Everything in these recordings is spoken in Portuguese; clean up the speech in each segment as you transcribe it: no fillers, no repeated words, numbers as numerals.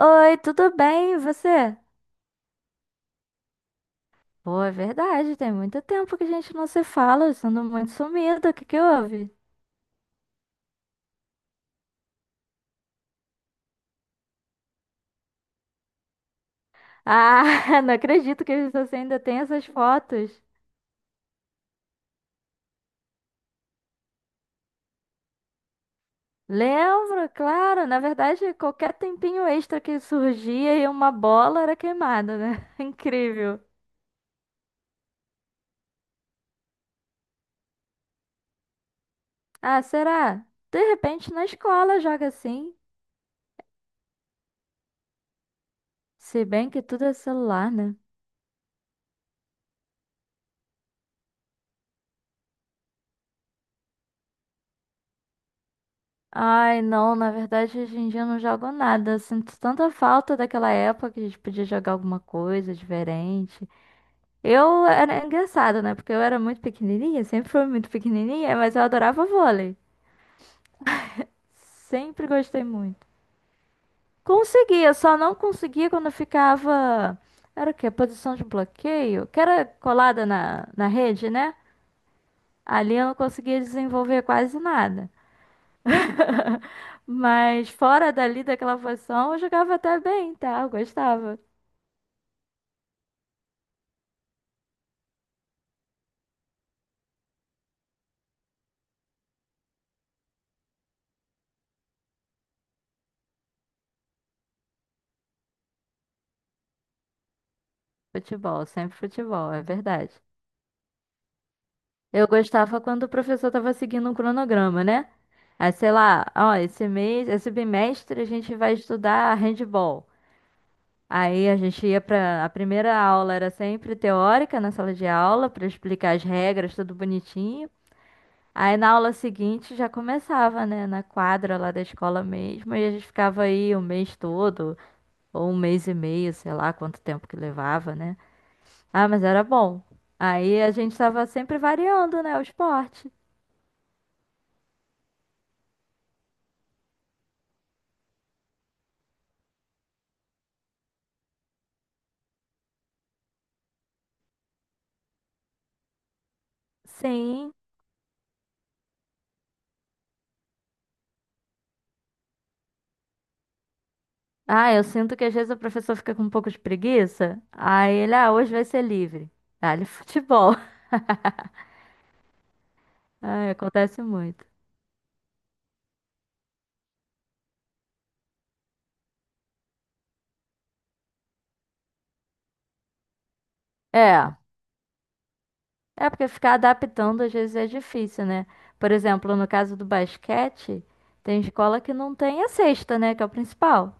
Oi, tudo bem? E você? Pô, é verdade, tem muito tempo que a gente não se fala, eu ando muito sumida, o que que houve? Ah, não acredito que você ainda tem essas fotos. Lembro, claro, na verdade, qualquer tempinho extra que surgia e uma bola era queimada, né? Incrível. Ah, será? De repente na escola joga assim, se bem que tudo é celular, né? Ai, não, na verdade hoje em dia eu não jogo nada. Eu sinto tanta falta daquela época que a gente podia jogar alguma coisa diferente. Eu era engraçado, né? Porque eu era muito pequenininha, sempre fui muito pequenininha, mas eu adorava vôlei. Sempre gostei muito. Conseguia, só não conseguia quando eu ficava. Era o quê? Posição de bloqueio? Que era colada na rede, né? Ali eu não conseguia desenvolver quase nada. Mas fora dali daquela posição, eu jogava até bem, tá? Eu gostava. Futebol, sempre futebol, é verdade. Eu gostava quando o professor estava seguindo um cronograma, né? Aí, sei lá, ó, esse mês, esse bimestre a gente vai estudar handball. Aí a gente ia para a primeira aula era sempre teórica na sala de aula para explicar as regras, tudo bonitinho. Aí na aula seguinte já começava, né, na quadra lá da escola mesmo, e a gente ficava aí o mês todo, ou um mês e meio, sei lá quanto tempo que levava, né? Ah, mas era bom. Aí a gente tava sempre variando, né, o esporte. Sim. Ah, eu sinto que às vezes o professor fica com um pouco de preguiça. Aí ele, ah, hoje vai ser livre. Dá-lhe futebol. Ah, acontece muito. É, é porque ficar adaptando às vezes é difícil, né? Por exemplo, no caso do basquete, tem escola que não tem a cesta, né, que é o principal.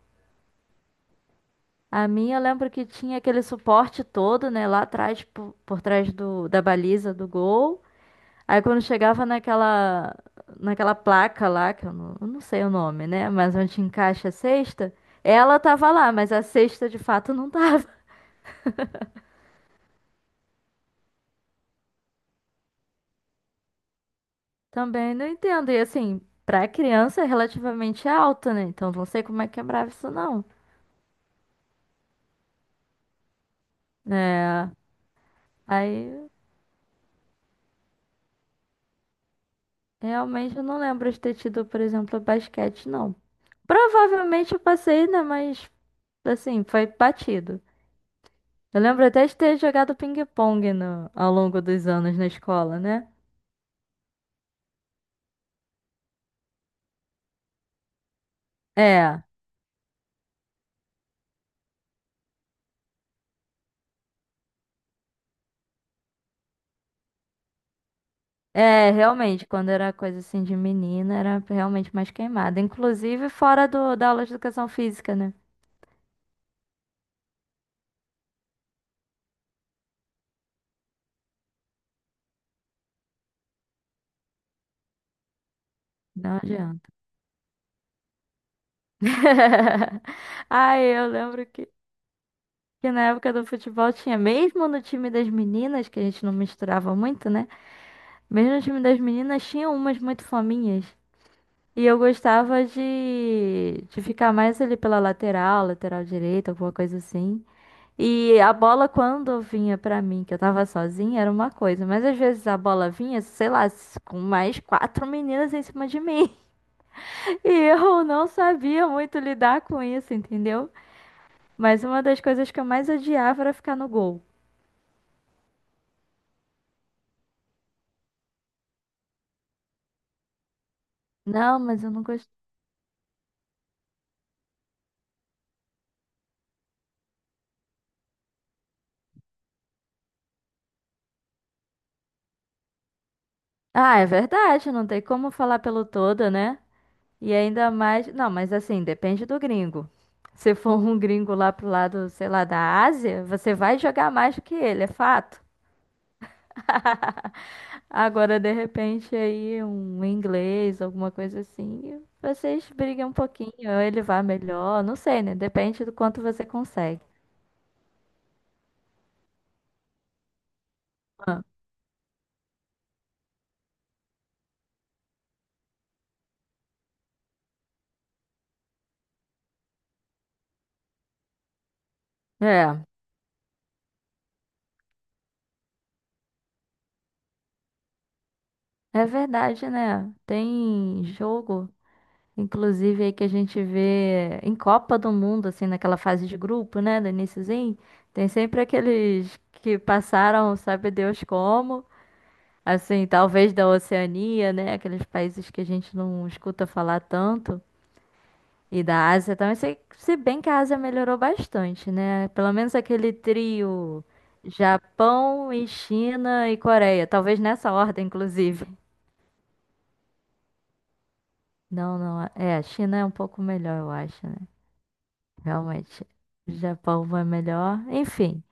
A minha, eu lembro que tinha aquele suporte todo, né, lá atrás, por trás da baliza do gol. Aí quando chegava naquela placa lá, que eu não sei o nome, né, mas onde encaixa a cesta, ela tava lá, mas a cesta de fato não tava. Também não entendo. E assim, pra criança é relativamente alta, né, então não sei como é que quebrava isso não. É, aí realmente eu não lembro de ter tido, por exemplo, basquete, não. Provavelmente eu passei, né? Mas assim, foi batido. Eu lembro até de ter jogado ping-pong ao longo dos anos na escola, né? É, é, realmente, quando era coisa assim de menina, era realmente mais queimada. Inclusive fora da aula de educação física, né? Não adianta. Ai, eu lembro que na época do futebol tinha, mesmo no time das meninas, que a gente não misturava muito, né? Mesmo no time das meninas, tinha umas muito fominhas. E eu gostava de ficar mais ali pela lateral, lateral direita, alguma coisa assim. E a bola, quando vinha pra mim, que eu tava sozinha, era uma coisa. Mas às vezes a bola vinha, sei lá, com mais quatro meninas em cima de mim. E eu não sabia muito lidar com isso, entendeu? Mas uma das coisas que eu mais odiava era ficar no gol. Não, mas eu não gosto. Ah, é verdade, não tem como falar pelo todo, né? E ainda mais. Não, mas assim, depende do gringo. Se for um gringo lá pro lado, sei lá, da Ásia, você vai jogar mais do que ele, é fato. Agora, de repente, aí um inglês, alguma coisa assim, vocês brigam um pouquinho, ou ele vai melhor, não sei, né? Depende do quanto você consegue. É, é verdade, né? Tem jogo. Inclusive aí que a gente vê em Copa do Mundo, assim, naquela fase de grupo, né, do iniciozinho, tem sempre aqueles que passaram, sabe Deus como, assim, talvez da Oceania, né, aqueles países que a gente não escuta falar tanto, e da Ásia também, se bem que a Ásia melhorou bastante, né, pelo menos aquele trio Japão e China e Coreia, talvez nessa ordem, inclusive. Não, não, é, a China é um pouco melhor, eu acho, né. Realmente, o Japão vai melhor. Enfim,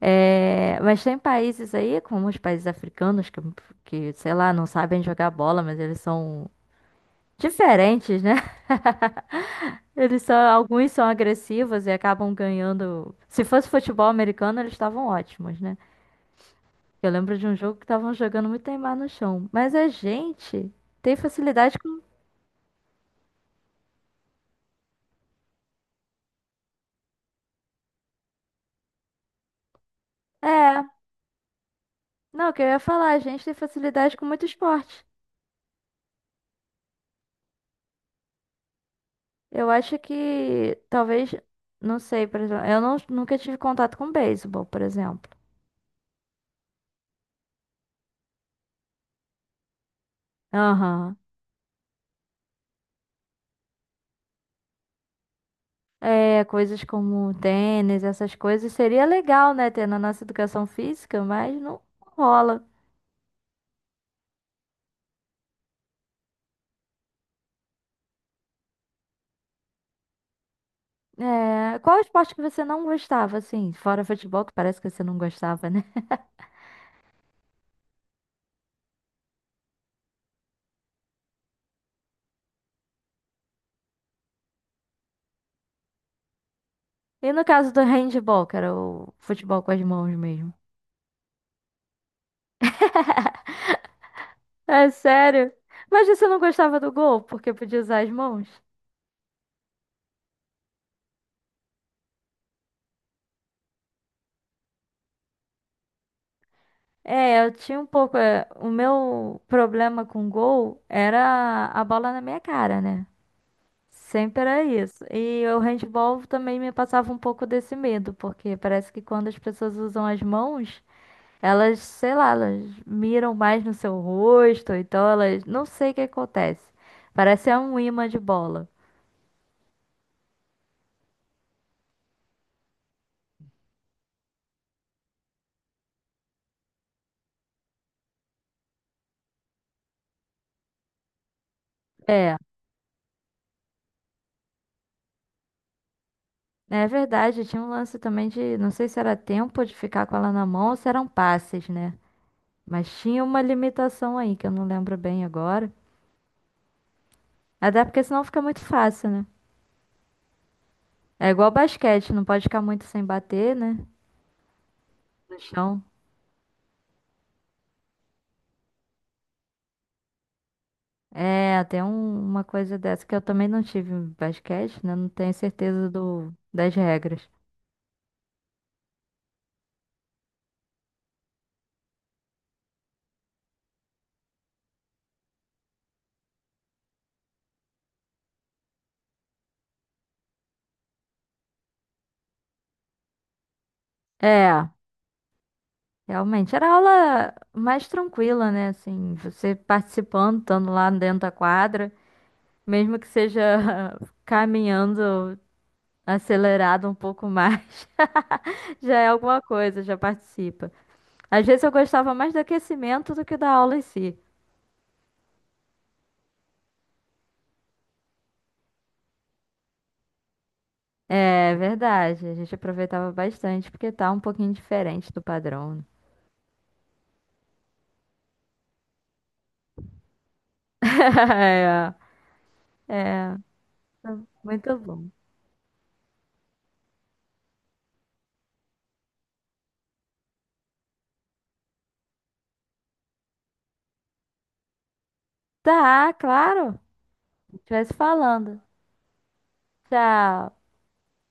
é, mas tem países aí, como os países africanos, que, sei lá, não sabem jogar bola, mas eles são diferentes, né? Eles são, alguns são agressivos e acabam ganhando. Se fosse futebol americano, eles estavam ótimos, né? Eu lembro de um jogo que estavam jogando muito Neymar no chão. Mas a gente tem facilidade com. É, não, o que eu ia falar, a gente tem facilidade com muito esporte. Eu acho que talvez, não sei, por exemplo, eu não, nunca tive contato com beisebol, por exemplo. Aham. É, coisas como tênis, essas coisas, seria legal, né, ter na nossa educação física, mas não rola. É, qual esporte que você não gostava, assim, fora futebol, que parece que você não gostava, né? E no caso do handball, que era o futebol com as mãos mesmo. É sério? Mas você não gostava do gol, porque podia usar as mãos? É, eu tinha um pouco. É, o meu problema com gol era a bola na minha cara, né? Sempre era isso. E o handball também me passava um pouco desse medo, porque parece que quando as pessoas usam as mãos, elas, sei lá, elas miram mais no seu rosto, ou então elas. Não sei o que acontece. Parece é um imã de bola. É, é verdade. Tinha um lance também de. Não sei se era tempo de ficar com ela na mão ou se eram passes, né? Mas tinha uma limitação aí, que eu não lembro bem agora. Até porque senão fica muito fácil, né? É igual basquete, não pode ficar muito sem bater, né? No chão. É, tem uma coisa dessa que eu também não tive em basquete, né? Não tenho certeza das regras. É, realmente, era aula mais tranquila, né? Assim, você participando, estando lá dentro da quadra, mesmo que seja caminhando acelerado um pouco mais, já é alguma coisa, já participa. Às vezes eu gostava mais do aquecimento do que da aula em si. É verdade, a gente aproveitava bastante porque tá um pouquinho diferente do padrão, né? É, muito bom. Tá, claro. A falando. Tchau.